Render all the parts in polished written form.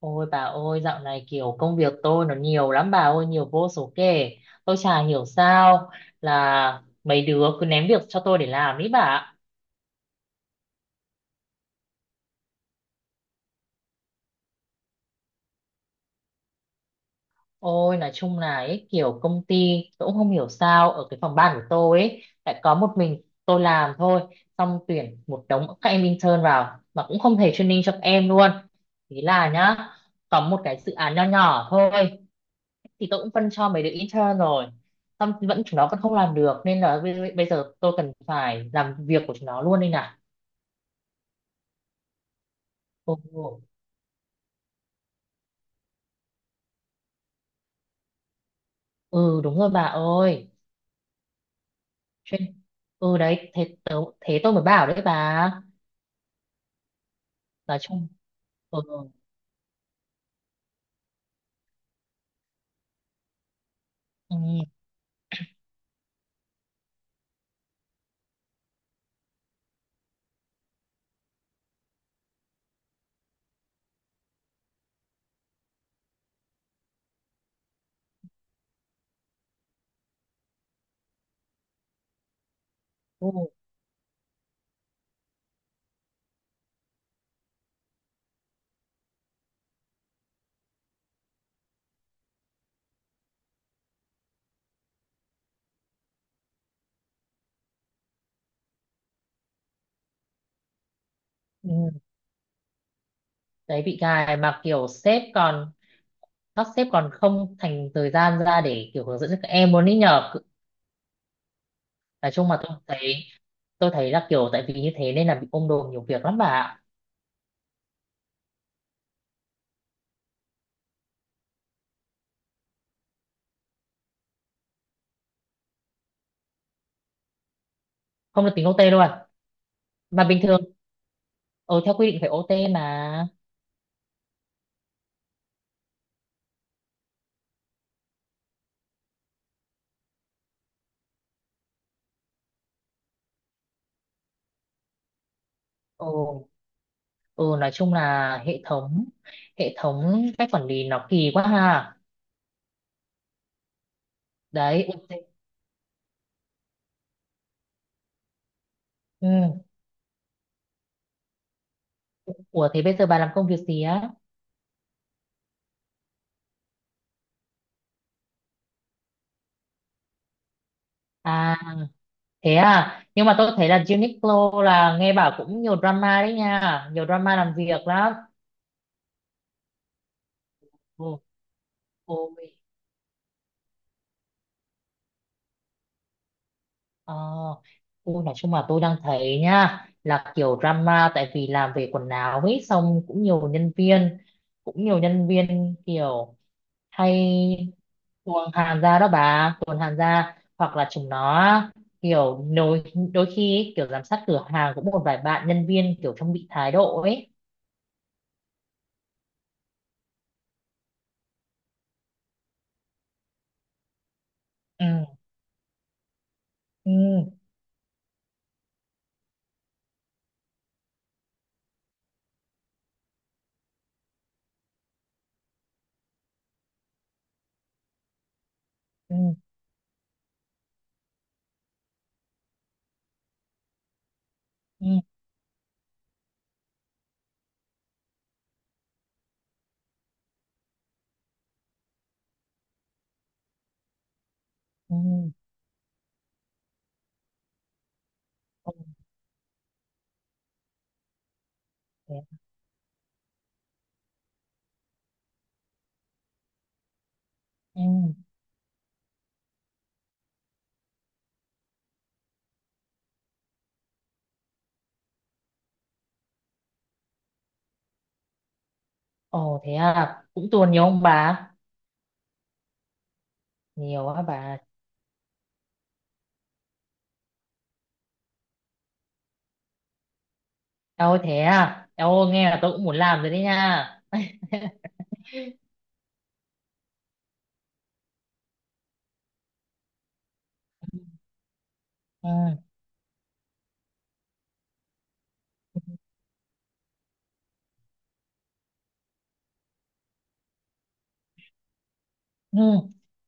Ôi bà ơi, dạo này kiểu công việc tôi nó nhiều lắm bà ơi, nhiều vô số kể. Tôi chả hiểu sao là mấy đứa cứ ném việc cho tôi để làm ý bà ạ. Ôi, nói chung là ấy, kiểu công ty tôi cũng không hiểu sao ở cái phòng ban của tôi ấy, lại có một mình tôi làm thôi. Xong tuyển một đống các em intern vào mà cũng không hề training cho các em luôn. Thế là nhá, có một cái dự án nho nhỏ thôi thì tôi cũng phân cho mấy đứa intern rồi xong vẫn chúng nó vẫn không làm được nên là bây giờ tôi cần phải làm việc của chúng nó luôn đây nè. Ồ, ừ đúng rồi bà ơi. Chuyên... ừ đấy thế tôi mới bảo đấy bà. Nói chung. Ừ, ừ, ừ, ừ. Đấy bị gài mà kiểu sếp còn các sếp còn không thành thời gian ra để kiểu hướng dẫn cho các em luôn ý nhờ. Nói chung mà tôi thấy là kiểu tại vì như thế nên là bị ôm đồm nhiều việc lắm bà ạ. Không được tính ô tê luôn mà bình thường. Ừ, theo quy định phải OT mà. Ừ, ừ nói chung là hệ thống cách quản lý nó kỳ quá ha. Đấy OT. Ừ. Ủa thế bây giờ bà làm công việc gì á à thế à nhưng mà tôi thấy là Uniqlo là nghe bảo cũng nhiều drama đấy nha nhiều drama làm việc lắm. Ừ. Ừ. Ờ, tôi nói chung là tôi đang thấy nha là kiểu drama tại vì làm về quần áo ấy xong cũng nhiều nhân viên kiểu hay tuồn hàng ra đó bà tuồn hàng ra hoặc là chúng nó kiểu đôi đôi khi ấy, kiểu giám sát cửa hàng cũng một vài bạn nhân viên kiểu trong bị thái độ ấy. Ừ, ừ, ừ, ừ, ừ, ừ, thế- ừ. Ồ thế à cũng tuồn nhiều không bà? Nhiều á bà? Trời ơi, thế à? Trời ơi, nghe là tôi cũng muốn làm rồi đấy nha. Ừ. Ừ.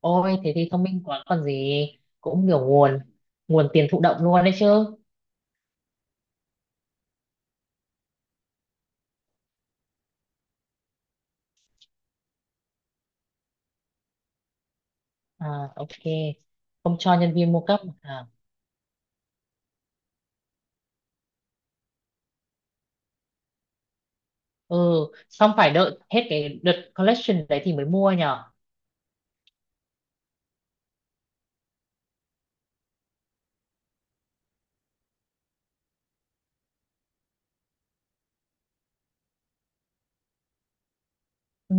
Ôi, thế thì thông minh quá còn gì. Cũng kiểu nguồn tiền thụ động luôn đấy chứ. À, ok. Không cho nhân viên mua cấp. À, ừ, xong phải đợi hết cái đợt collection đấy thì mới mua nhở. Ừ.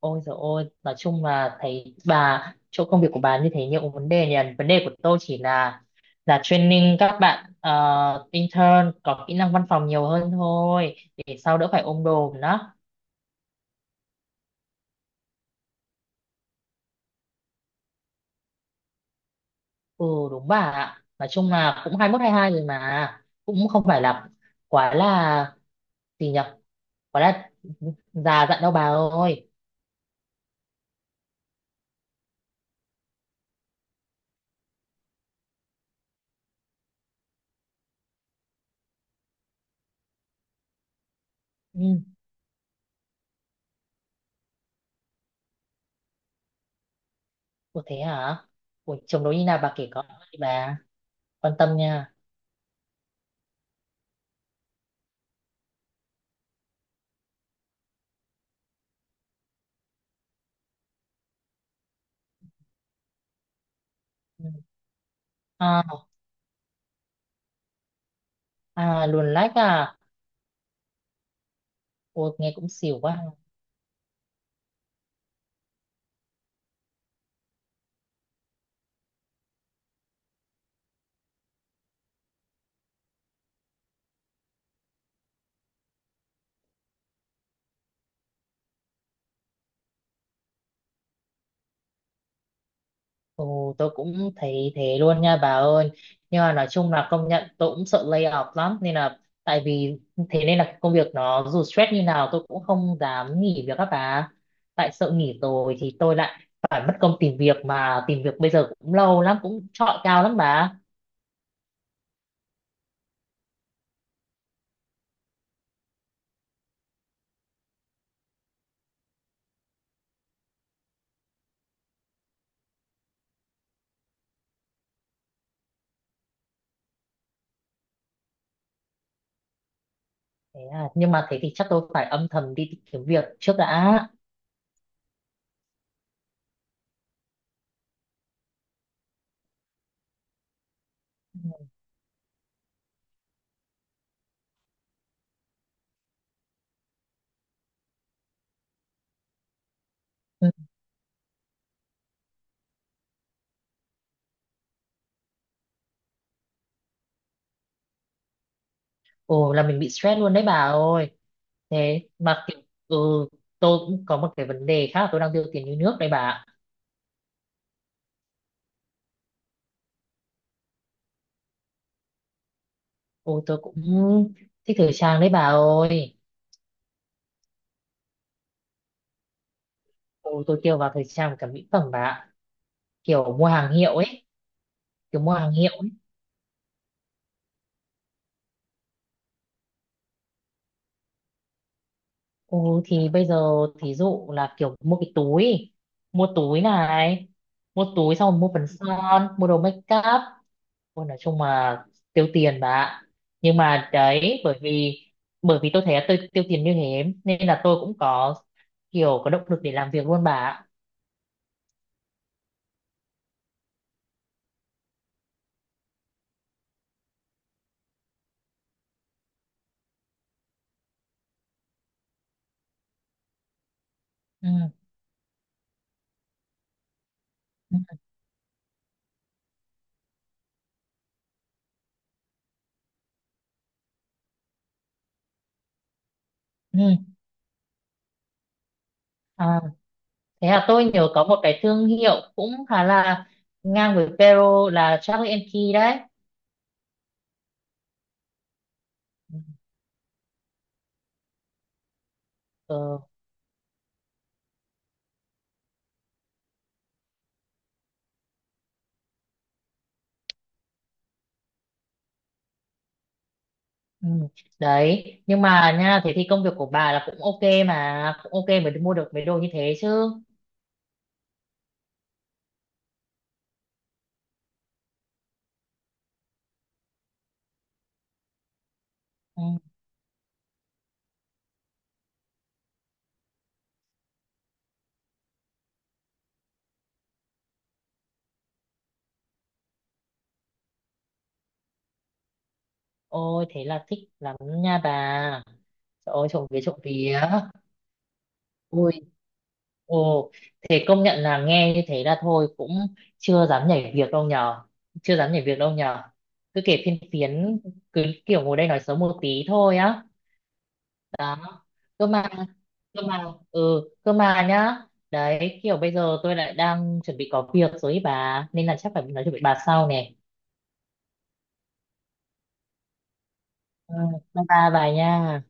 Ôi dồi ôi, nói chung là thấy bà chỗ công việc của bà như thế nhiều vấn đề nhỉ. Vấn đề của tôi chỉ là training các bạn ờ, intern có kỹ năng văn phòng nhiều hơn thôi để sau đỡ phải ôm đồm đó. Ừ đúng bà ạ. Nói chung là cũng hai mốt hai hai rồi mà cũng không phải là quá là gì nhỉ? Quá là già dặn đâu bà ơi. Ừ. Ủa thế hả? Ủa chồng đối như nào bà kể có bà quan tâm nha. Ừ. Ờ. À luồn lách à. Ôi nghe cũng xỉu quá. Ồ tôi cũng thấy thế luôn nha bà ơi. Nhưng mà nói chung là công nhận tôi cũng sợ lay off lắm, nên là tại vì thế nên là công việc nó dù stress như nào tôi cũng không dám nghỉ việc các bà. Tại sợ nghỉ rồi thì tôi lại phải mất công tìm việc. Mà tìm việc bây giờ cũng lâu lắm cũng chọi cao lắm bà. Thế à, nhưng mà thế thì chắc tôi phải âm thầm đi tìm kiếm việc trước đã. Ồ là mình bị stress luôn đấy bà ơi. Thế mà kiểu ừ, tôi cũng có một cái vấn đề khác là tôi đang tiêu tiền như nước đấy bà ạ. Ôi tôi cũng thích thời trang đấy bà ơi. Ôi tôi tiêu vào thời trang và cả mỹ phẩm bà ạ. Kiểu mua hàng hiệu ấy, kiểu mua hàng hiệu ấy. Ồ thì bây giờ thí dụ là kiểu mua cái túi, mua túi này, mua túi xong rồi mua phấn son, mua đồ make up. Ôi, nói chung là tiêu tiền bà ạ. Nhưng mà đấy bởi vì tôi thấy là tôi tiêu tiền như thế nên là tôi cũng có kiểu có động lực để làm việc luôn bà ạ. Ừ. Ừ, ừ. À, thế là tôi nhớ có một cái thương hiệu cũng khá là ngang với Pero là Charlie and Key đấy. Ừ. Ờ, ừ. Đấy nhưng mà nha thế thì công việc của bà là cũng ok mà cũng ok mới mua được mấy đồ như thế chứ. Ừ. Ôi thế là thích lắm nha bà. Trời ôi trộm vía trộm vía. Ôi, ồ, thế công nhận là nghe như thế là thôi cũng chưa dám nhảy việc đâu nhờ, chưa dám nhảy việc đâu nhờ. Cứ kể phiên phiến, cứ kiểu ngồi đây nói xấu một tí thôi á. Đó, cơ mà, cơ mà, ừ, cơ mà nhá. Đấy, kiểu bây giờ tôi lại đang chuẩn bị có việc rồi ý bà, nên là chắc phải nói chuyện với bà sau nè. Ừ, bye bye bà nha.